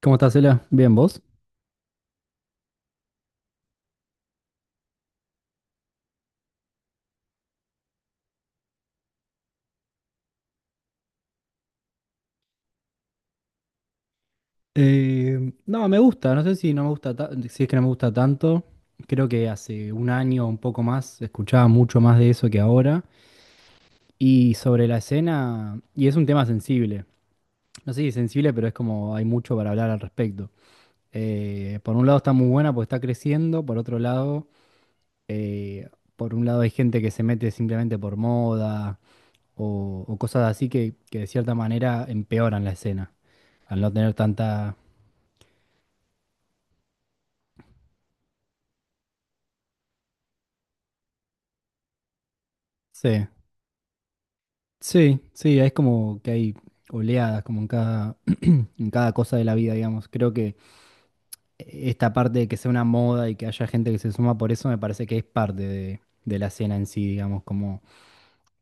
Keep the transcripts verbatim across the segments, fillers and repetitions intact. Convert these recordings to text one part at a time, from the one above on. ¿Cómo estás, Cela? Bien, ¿vos? Eh, no, me gusta, no sé si no me gusta ta- si es que no me gusta tanto. Creo que hace un año o un poco más escuchaba mucho más de eso que ahora. Y sobre la escena, y es un tema sensible. No sé si sensible, pero es como hay mucho para hablar al respecto. Eh, por un lado está muy buena porque está creciendo, por otro lado, eh, por un lado hay gente que se mete simplemente por moda o, o cosas así que, que de cierta manera empeoran la escena al no tener tanta... Sí. Sí, sí, es como que hay oleadas, como en cada, en cada cosa de la vida, digamos. Creo que esta parte de que sea una moda y que haya gente que se suma por eso me parece que es parte de, de la escena en sí, digamos, como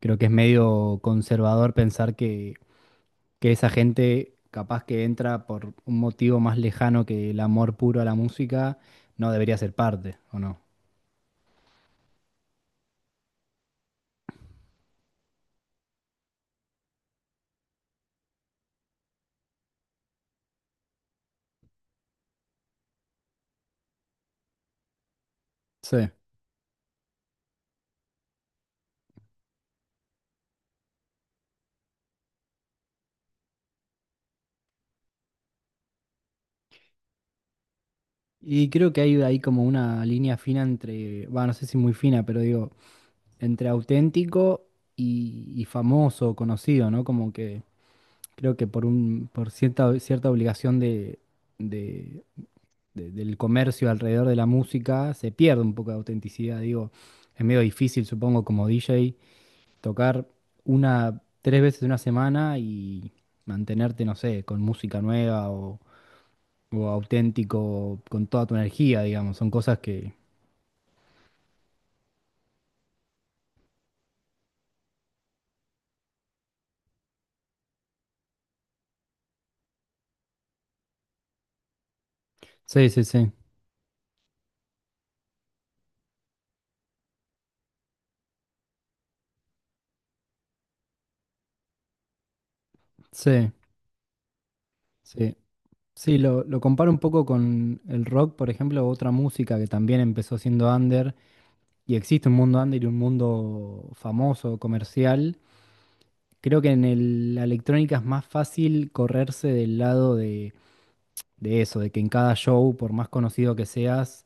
creo que es medio conservador pensar que, que esa gente capaz que entra por un motivo más lejano que el amor puro a la música, no debería ser parte, ¿o no? Sí. Y creo que hay ahí como una línea fina entre, va, no sé si muy fina, pero digo entre auténtico y, y famoso, conocido, ¿no? Como que creo que por un, por cierta, cierta obligación de, de- de- del comercio alrededor de la música, se pierde un poco de autenticidad. Digo, es medio difícil, supongo, como D J, tocar una, tres veces en una semana y mantenerte, no sé, con música nueva o, o, auténtico, con toda tu energía, digamos. Son cosas que. Sí, sí, sí. Sí, sí. Sí, lo, lo comparo un poco con el rock, por ejemplo, otra música que también empezó siendo under y existe un mundo under y un mundo famoso, comercial. Creo que en el- la electrónica es más fácil correrse del lado de, de eso, de que en cada show, por más conocido que seas,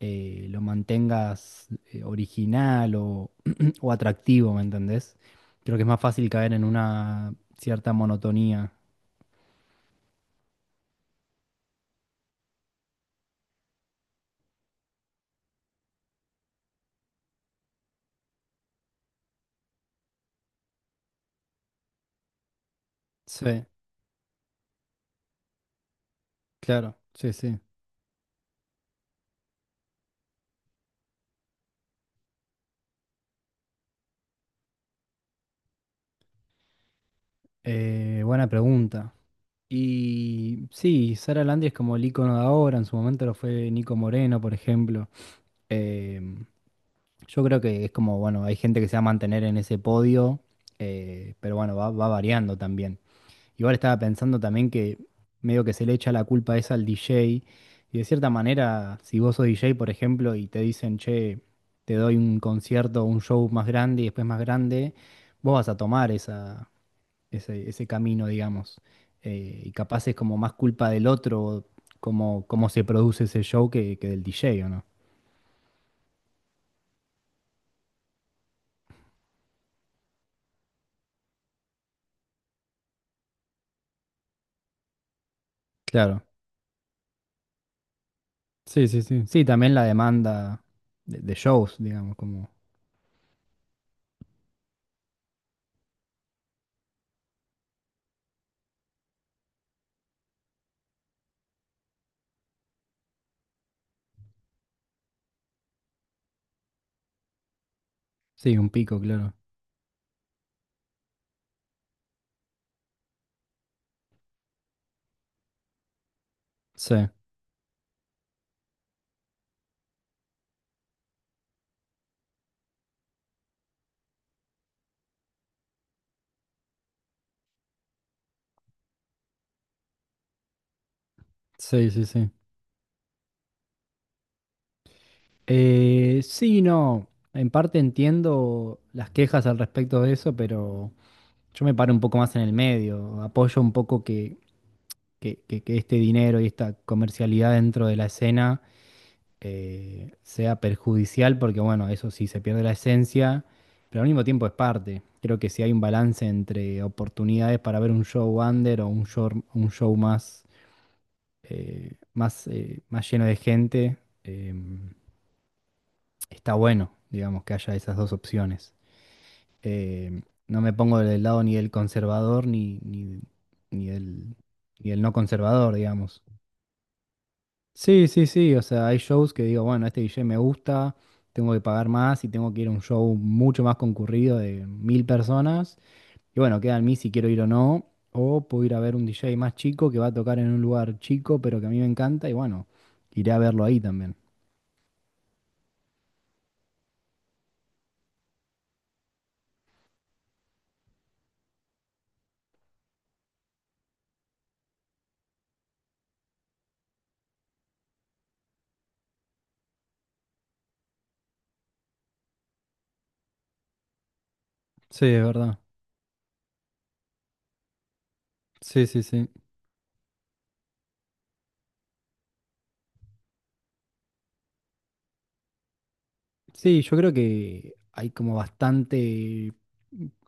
eh, lo mantengas eh, original o, o atractivo, ¿me entendés? Creo que es más fácil caer en una cierta monotonía. Sí, claro, sí, sí. Eh, buena pregunta. Y sí, Sara Landri es como el icono de ahora, en su momento lo fue Nico Moreno, por ejemplo. Em, yo creo que es como, bueno, hay gente que se va a mantener en ese podio, eh, pero bueno, va, va variando también. Igual estaba pensando también que medio que se le echa la culpa esa al D J, y de cierta manera, si vos sos D J, por ejemplo, y te dicen, che, te doy un concierto, un show más grande y después más grande, vos vas a tomar esa ese, ese camino, digamos. Eh, y capaz es como más culpa del otro, cómo, cómo se produce ese show que, que del D J, ¿o no? Claro. Sí, sí, sí. Sí, también la demanda de, de shows, digamos, como... Sí, un pico, claro. Sí, sí, sí, sí. Eh, sí, no. En parte entiendo las quejas al respecto de eso, pero yo me paro un poco más en el medio. Apoyo un poco que, que, que que este dinero y esta comercialidad dentro de la escena eh, sea perjudicial, porque bueno, eso sí, se pierde la esencia, pero al mismo tiempo es parte. Creo que si hay un balance entre oportunidades para ver un show under o un show, un show más, eh, más, eh, más lleno de gente, em, está bueno, digamos, que haya esas dos opciones. Em, no me pongo del lado ni del conservador ni, ni, ni del, ni del no conservador, digamos. Sí, sí, sí, o sea, hay shows que digo, bueno, este D J me gusta, tengo que pagar más y tengo que ir a un show mucho más concurrido de mil personas. Y bueno, queda en mí si quiero ir o no. O puedo ir a ver un D J más chico que va a tocar en un lugar chico, pero que a mí me encanta y bueno, iré a verlo ahí también. Sí, es verdad. Sí, sí, sí. Sí, yo creo que hay como bastante,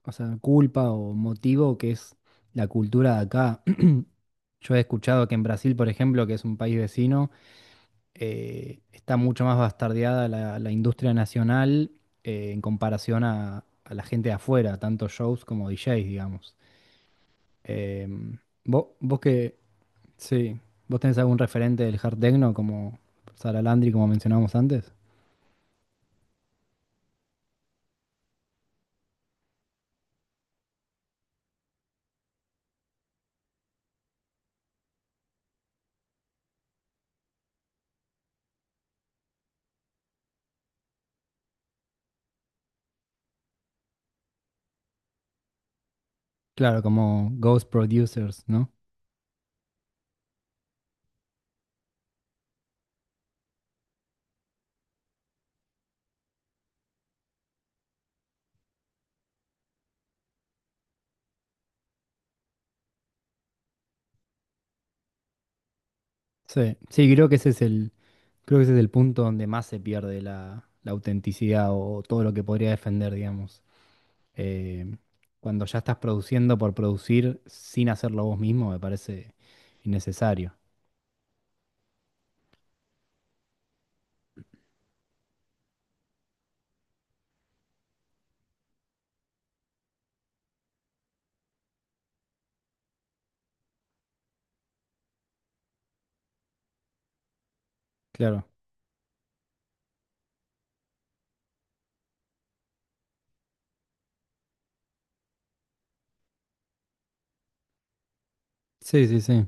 o sea, culpa o motivo que es la cultura de acá. Yo he escuchado que en Brasil, por ejemplo, que es un país vecino, eh, está mucho más bastardeada la, la industria nacional eh, en comparación a, a la gente de afuera, tanto shows como D Js, digamos. Em, vos, vos que, sí, vos tenés algún referente del hard techno como Sara Landry, como mencionábamos antes. Claro, como Ghost Producers, ¿no? Sí, sí, creo que ese es el, creo que ese es el punto donde más se pierde la, la autenticidad o todo lo que podría defender, digamos. Eh, cuando ya estás produciendo por producir sin hacerlo vos mismo, me parece innecesario. Claro. Sí, sí, sí.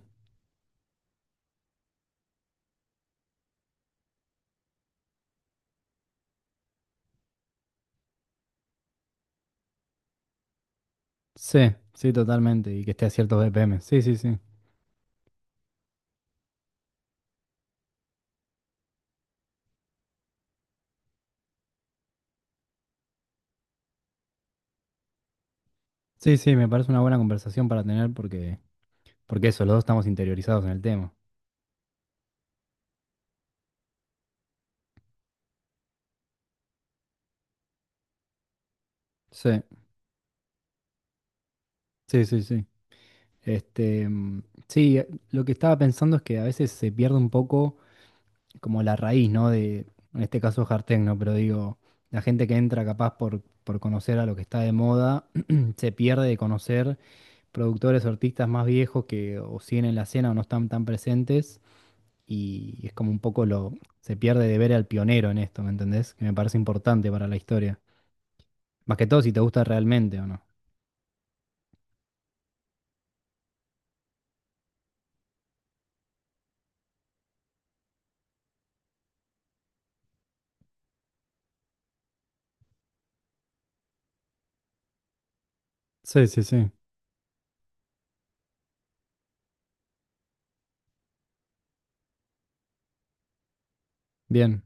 Sí, sí, totalmente. Y que esté a ciertos B P M. Sí, sí, sí. Sí, sí, me parece una buena conversación para tener porque, porque eso, los dos estamos interiorizados en el tema. Sí, sí, sí, sí. Este, mm, sí, eh, lo que estaba pensando es que a veces se pierde un poco como la raíz, ¿no? De, en este caso Jartec, ¿no? Pero digo, la gente que entra capaz por, por conocer a lo que está de moda, se pierde de conocer productores o artistas más viejos que o siguen en la escena o no están tan presentes. Y es como un poco lo, se pierde de ver al pionero en esto, ¿me entendés? Que me parece importante para la historia. Más que todo si te gusta realmente o no. Sí, sí, sí. Bien.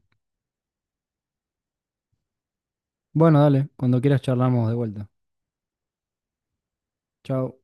Bueno, dale, cuando quieras charlamos de vuelta. Chao.